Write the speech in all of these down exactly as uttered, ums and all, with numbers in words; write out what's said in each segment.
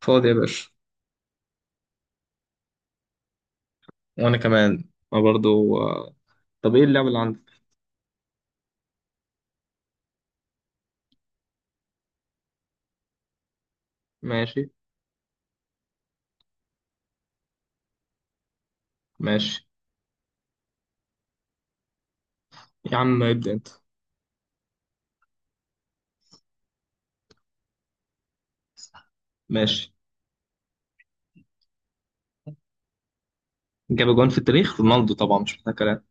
فاضي يا باشا. وانا كمان، انا برضو. آه، طب ايه اللعبه اللي عندك؟ ماشي، ماشي. يا عم ابدا انت. ماشي. جاب جون في التاريخ رونالدو طبعا، مش محتاج كلام.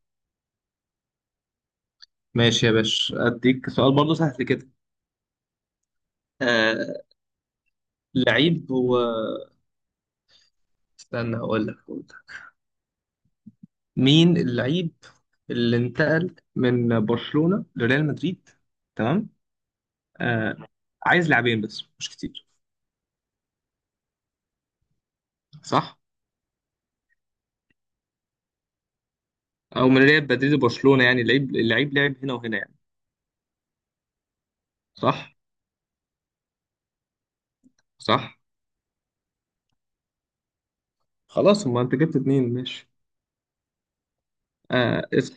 ماشي يا باشا، اديك سؤال برضو سهل كده. آه لعيب هو. استنى، هقول لك هقول لك. مين اللعيب اللي انتقل من برشلونه لريال مدريد؟ تمام. آه عايز لاعبين بس مش كتير. صح، او من ريال مدريد لبرشلونه، يعني اللعيب اللعيب لعب هنا وهنا يعني. صح، صح. خلاص، ما انت جبت اتنين. ماشي آه اسم.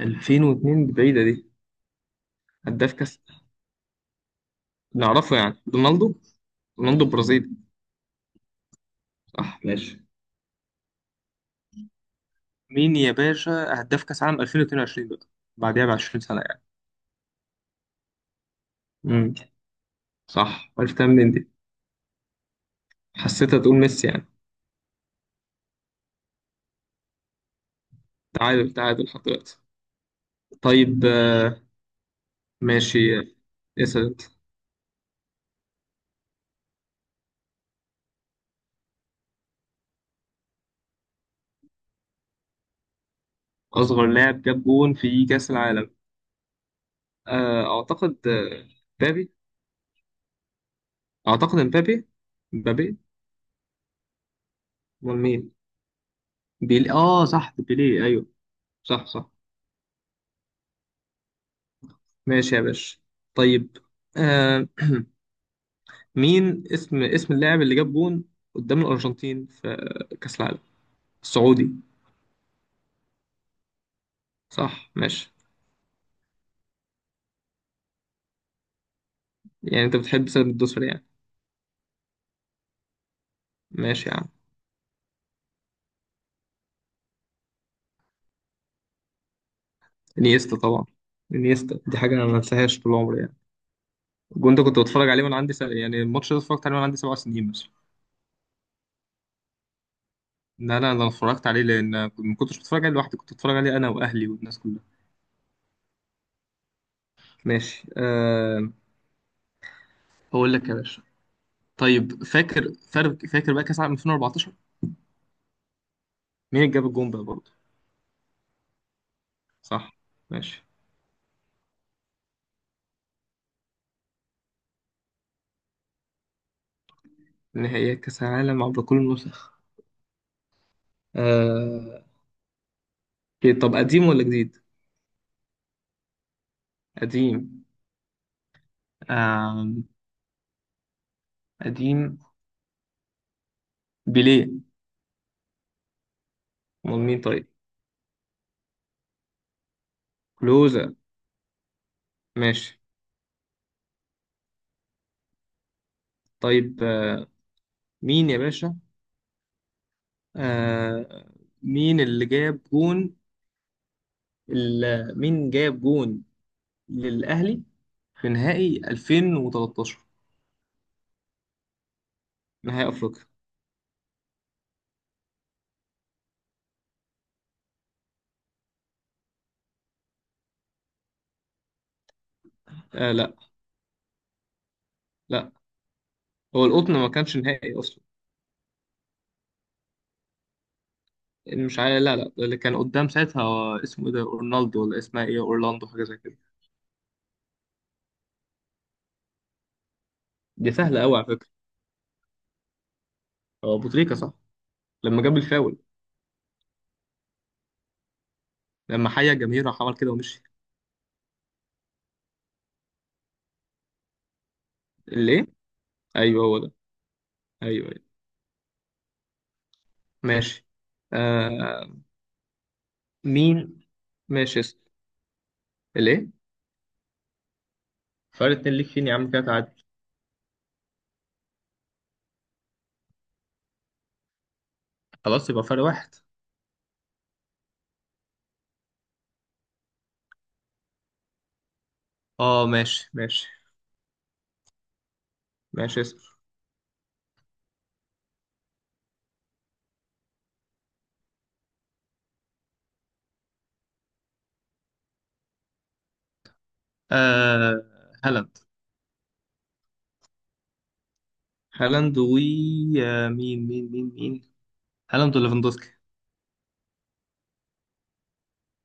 ألفين واتنين دي بعيدة دي. هداف كاس نعرفه يعني رونالدو، رونالدو برازيلي. صح، ماشي. مين يا باشا؟ هداف كاس عام ألفين واتنين وعشرين بقى، بعدها ب عشرين سنة يعني. امم صح، عرفتها منين دي؟ حسيتها تقول ميسي يعني. تعادل تعادل لحد دلوقتي. طيب آه، ماشي آه، اسأل انت. أصغر لاعب جاب جون في كأس العالم، آه، أعتقد آه، مبابي. أعتقد مبابي، مبابي. أمال مين؟ بيلي، آه صح، بيلي، أيوه. صح، صح. ماشي يا باشا. طيب آه مين اسم اسم اللاعب اللي جاب جون قدام الأرجنتين في كأس العالم السعودي؟ صح، ماشي. يعني انت بتحب سبب الدوسر يعني. ماشي يا عم. انيستا طبعا، انيستا دي حاجة انا ما انساهاش طول عمري يعني. الجون ده كنت بتفرج عليه وانا عندي س... يعني الماتش ده اتفرجت عليه وانا عندي سبع سنين مثلا. لا لا، انا اتفرجت عليه لان كنت- ما كنتش بتفرج عليه لوحدي، كنت بتفرج عليه انا واهلي والناس كلها. ماشي. آه... هقول لك يا باشا. طيب، فاكر فاكر فاكر بقى كأس العالم ألفين وأربعة عشر، مين اللي جاب الجون بقى برضه؟ صح، ماشي. نهائيات كأس العالم عبر كل النسخ، آه... إيه، طب قديم ولا جديد؟ قديم. آه... قديم، بيليه. امال مين طيب؟ كلوزا. ماشي. طيب آه، مين يا باشا؟ آه... مين اللي جاب جون؟ ال... مين جاب جون للأهلي في نهائي ألفين وتلتاشر، نهائي أفريقيا؟ آه لا. لا، هو القطن ما كانش نهائي أصلا. مش عارف، لا لا، اللي كان قدام ساعتها هو اسمه ايه ده رونالدو ولا اسمها ايه اورلاندو، حاجه زي كده. دي سهله قوي على فكره. هو ابو تريكه صح، لما جاب الفاول. لما حيا الجماهير راح عمل كده ومشي. الايه؟ ايوه هو ده. ايوه، ايوه. ماشي آه مين. ماشي اسم. الايه؟ فرق اتنين ليك. فين يا عم كده، تعادل. خلاص يبقى فرق واحد. اه، ماشي، ماشي. ماشي اسم. آه هالاند. هالاند و آه مين مين مين مين هالاند وليفاندوسكي.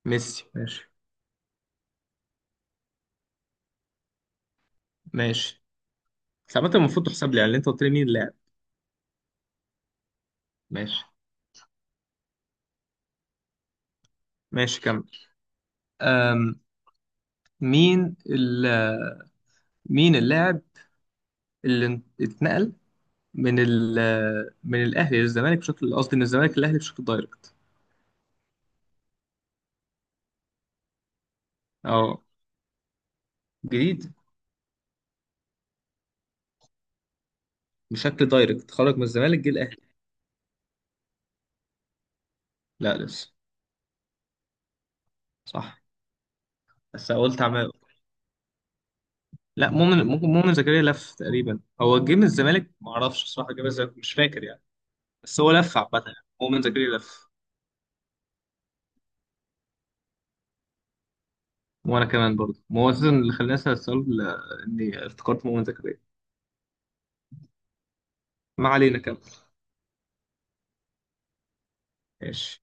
ميسي، ماشي. ماشي. بس عامة المفروض تحسب لي يعني، اللي انت قلت لي مين اللاعب. ماشي. ماشي كمل. أم مين ال مين اللاعب اللي اتنقل من ال من الاهلي للزمالك بشكل قصدي، من الزمالك للاهلي بشكل دايركت؟ اه، جديد. بشكل دايركت، خرج من الزمالك جه الاهلي. لا لسه. صح، بس قلت عمال. لا مؤمن، ممكن مؤمن زكريا لف تقريبا، هو جه من الزمالك ما اعرفش الصراحه، جه من الزمالك مش فاكر يعني. بس هو لف عامة يعني، مؤمن زكريا لف. وانا كمان برضه، ما هو اساسا اللي خلاني اسال السؤال، آه، اني افتكرت مؤمن زكريا. ما علينا، كمل. ماشي.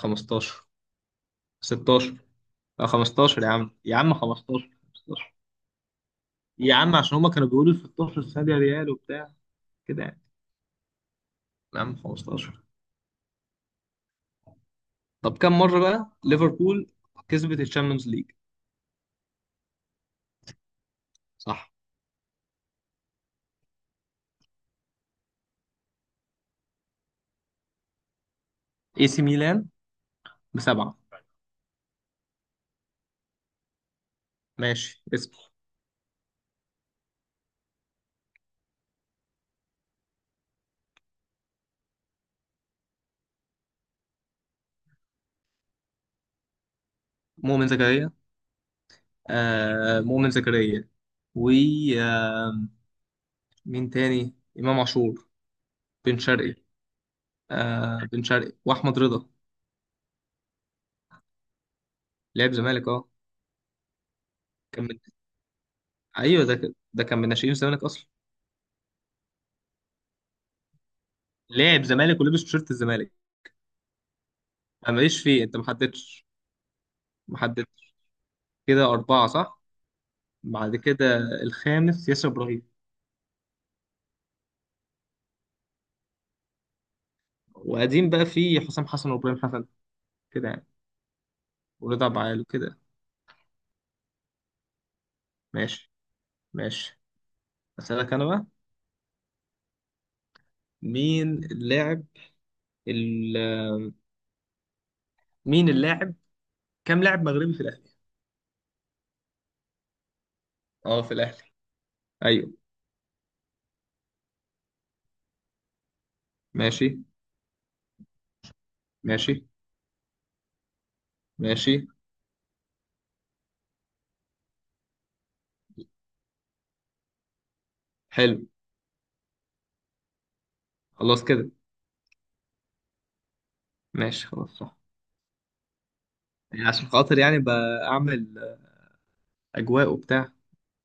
خمستاشر. ستاشر. لا خمستاشر يا عم، يا عم خمستاشر، خمستاشر. يا عم عشان هما كانوا بيقولوا ستاشر السنه دي، ريال وبتاع كده يعني. يا عم خمستاشر. طب كم مره بقى ليفربول كسبت الشامبيونز ليج؟ صح. اي سي ميلان. بسبعه. ماشي اسم. مؤمن زكريا. آه مؤمن زكريا، و آه، مين تاني؟ امام عاشور. بن شرقي. آه بن شرقي واحمد رضا. لعب زمالك اه. كان من، ايوه ده ك- ده كان من ناشئين الزمالك اصلا. لاعب زمالك ولبس تيشيرت الزمالك. انا ماليش فيه، انت ما حددتش. ما حددتش. كده اربعه صح. بعد كده الخامس ياسر ابراهيم. وقديم بقى فيه حسام حسن وابراهيم حسن كده يعني، ورضا بعال وكده. ماشي، ماشي. اسالك انا بقى. مين اللاعب ال... مين اللاعب، كام لاعب مغربي في الاهلي؟ اه في الاهلي، ايوه. ماشي، ماشي، ماشي. حلو. خلاص كده. ماشي خلاص صح. يعني عشان خاطر يعني بعمل اجواء وبتاع،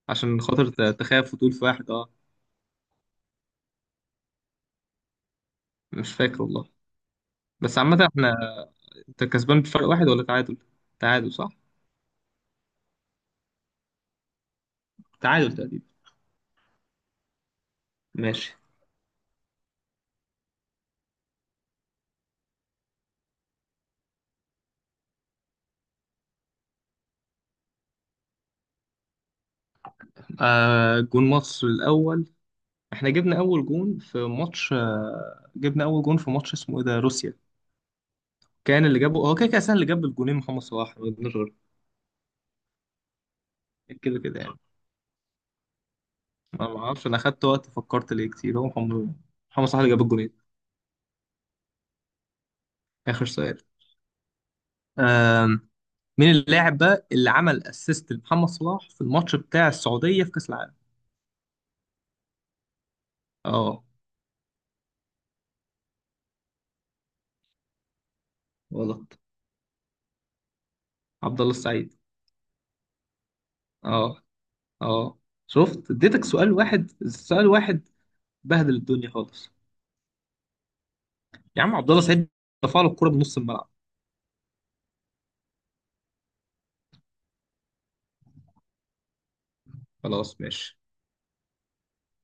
عشان خاطر ت- تخاف وتقول في واحد اه. مش فاكر والله. بس عامة احنا، انت كسبان بفرق واحد ولا تعادل؟ تعادل صح؟ تعادل تقريبا. ماشي. آه جون مصر الاول. احنا جبنا اول جون في ماتش، آه جبنا اول جون في ماتش اسمه ايه ده روسيا. كان اللي جابه هو كده كده أصلاً، اللي جاب الجونين محمد صلاح، ما قلناش غيره. كده كده يعني. ما ما اعرفش، انا خدت وقت فكرت ليه كتير، هو محمد محمد صلاح اللي جاب الجونين. اخر سؤال، مين اللاعب بقى اللي عمل اسيست لمحمد صلاح في الماتش بتاع السعودية في كأس العالم؟ اه. غلط. عبد الله السعيد. اه، اه. شفت، اديتك سؤال واحد، سؤال واحد. بهدل الدنيا خالص. يا عم عبد الله السعيد رفع له الكرة بنص الملعب. خلاص ماشي.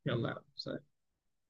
يلا يا عم.